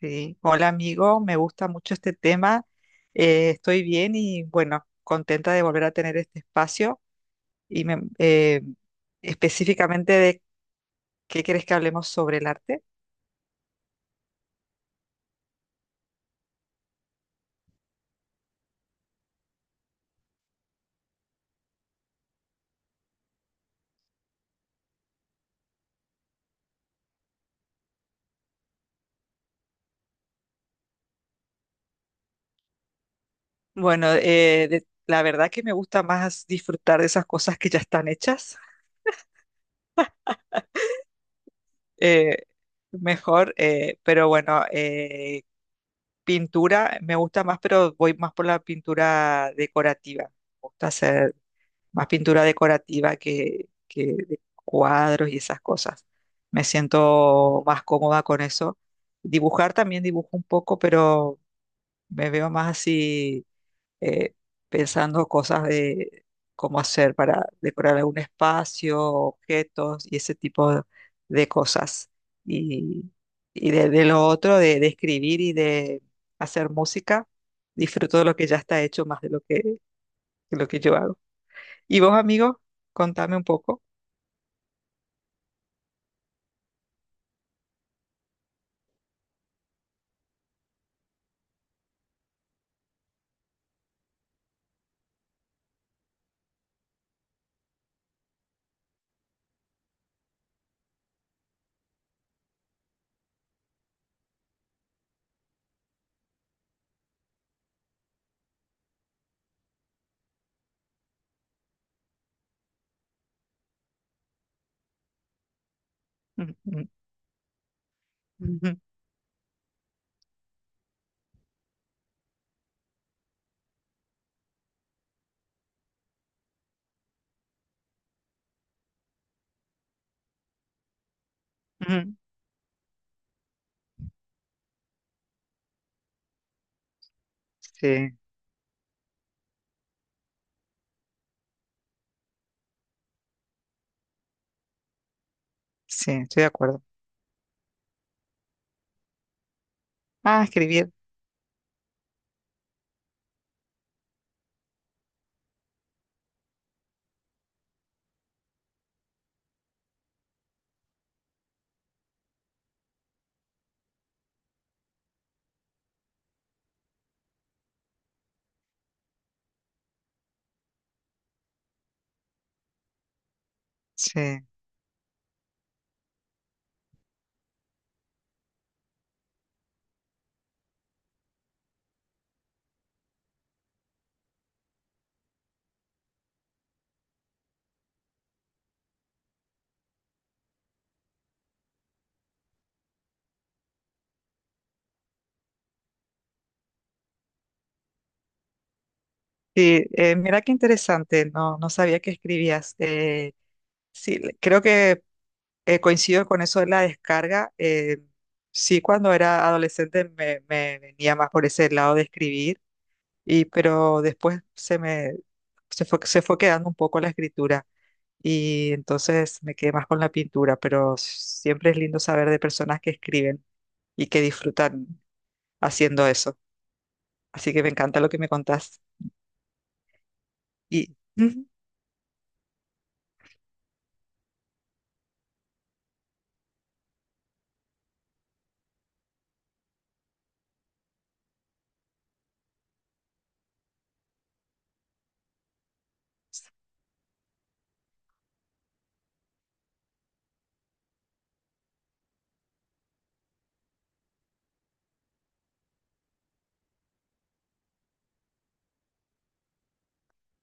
Sí, hola amigo, me gusta mucho este tema. Estoy bien y bueno, contenta de volver a tener este espacio y específicamente de qué quieres que hablemos sobre el arte. Bueno, la verdad que me gusta más disfrutar de esas cosas que ya están hechas, eh, mejor, pero bueno, pintura me gusta más, pero voy más por la pintura decorativa. Me gusta hacer más pintura decorativa que de cuadros y esas cosas. Me siento más cómoda con eso. Dibujar también dibujo un poco, pero me veo más así eh, pensando cosas de cómo hacer para decorar algún espacio, objetos y ese tipo de cosas. Y, y de lo otro, de escribir y de hacer música, disfruto de lo que ya está hecho más de lo de lo que yo hago. ¿Y vos, amigo? Contame un poco. Ujú, ujú, ujú, ujú. Sí, sí, estoy de acuerdo. Ah, escribir. Sí. Sí, mira qué interesante. No, no sabía que escribías. Sí, creo que coincido con eso de la descarga. Sí, cuando era adolescente me venía más por ese lado de escribir. Y pero después se fue quedando un poco la escritura y entonces me quedé más con la pintura, pero siempre es lindo saber de personas que escriben y que disfrutan haciendo eso. Así que me encanta lo que me contás y ujú,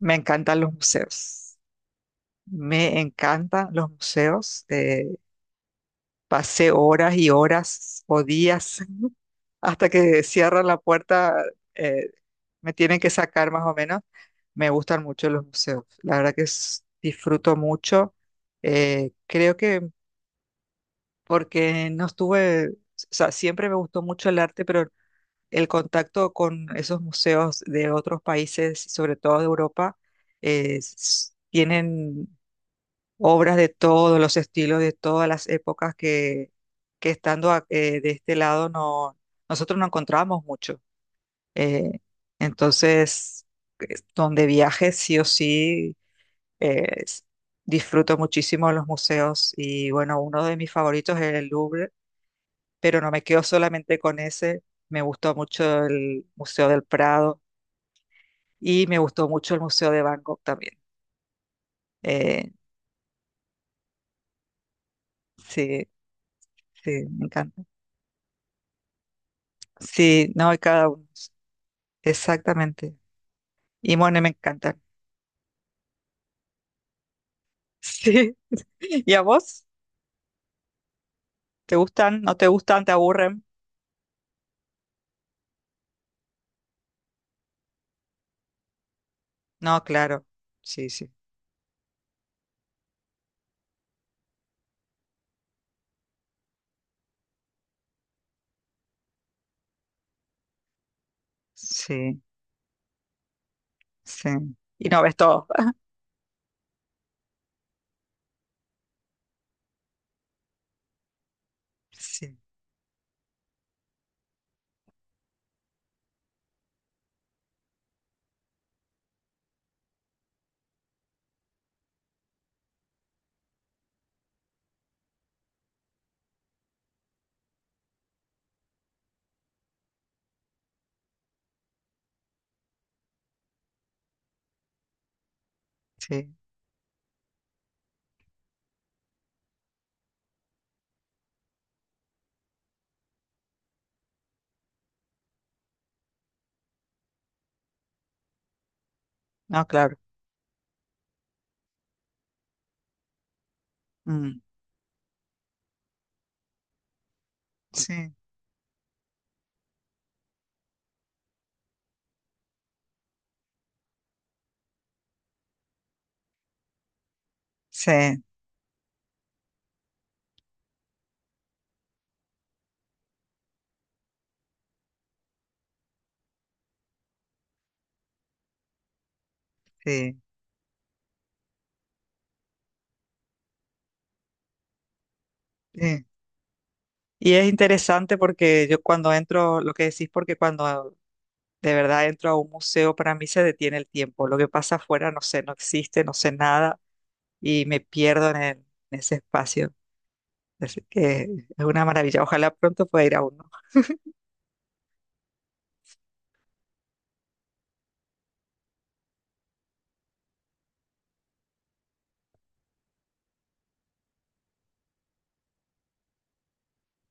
me encantan los museos. Me encantan los museos. Pasé horas y horas o días hasta que cierran la puerta. eh, Me tienen que sacar más o menos. Me gustan mucho los museos. La verdad que disfruto mucho. Creo que porque no estuve, o sea, siempre me gustó mucho el arte, pero el contacto con esos museos de otros países, sobre todo de Europa, tienen obras de todos los estilos, de todas las épocas que de este lado no, nosotros no encontramos mucho. Eh, entonces, donde viaje, sí o sí, eh, s- disfruto muchísimo los museos y bueno, uno de mis favoritos es el Louvre, pero no me quedo solamente con ese. Me gustó mucho el Museo del Prado y me gustó mucho el Museo de Bangkok también. Eh, sí, sí, me encanta. Sí, no, y cada uno. Exactamente. Y bueno, me encantan. Sí. ¿Y a vos? ¿Te gustan? ¿No te gustan? ¿Te aburren? No, claro. Sí, sí. Sí, sí. Y no ves todo. Sí, sí. No, claro. Mm, sí, sí, sí, sí. Y es interesante porque yo cuando entro, lo que decís, porque cuando de verdad entro a un museo, para mí se detiene el tiempo. Lo que pasa afuera, no sé, no existe, no sé nada y me pierdo en, en ese espacio. Así que es una maravilla. Ojalá pronto pueda ir a uno.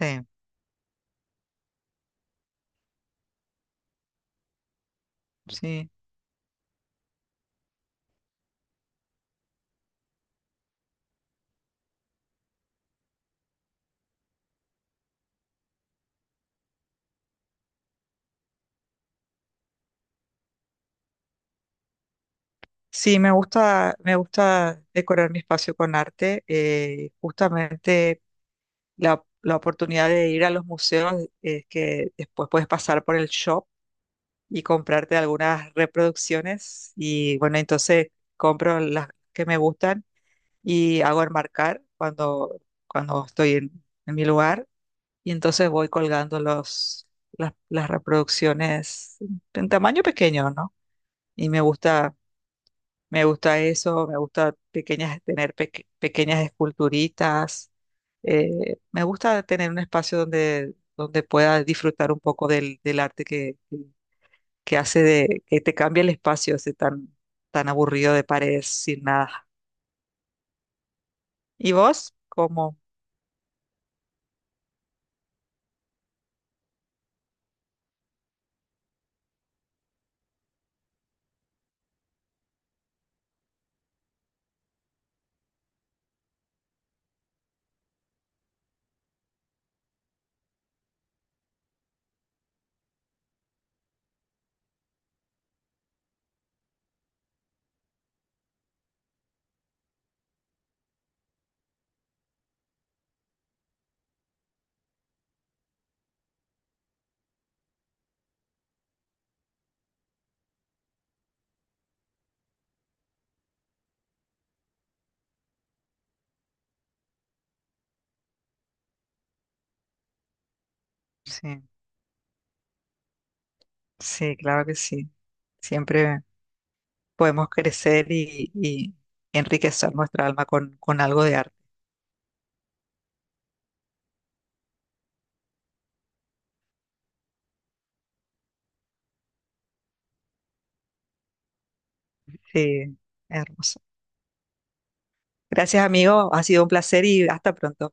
Sí, sí. Sí, me gusta decorar mi espacio con arte. Justamente la oportunidad de ir a los museos es que después puedes pasar por el shop y comprarte algunas reproducciones y bueno, entonces compro las que me gustan y hago enmarcar cuando estoy en mi lugar y entonces voy colgando las reproducciones en tamaño pequeño, ¿no? Y me gusta eso, me gusta pequeñas, tener pequeñas esculturitas. Me gusta tener un espacio donde, donde pueda disfrutar un poco del arte que hace que te cambia el espacio ese tan, tan aburrido de paredes sin nada. ¿Y vos? ¿Cómo? Sí, sí, claro que sí. Siempre podemos crecer y enriquecer nuestra alma con algo de arte. Sí, hermoso. Gracias, amigo. Ha sido un placer y hasta pronto.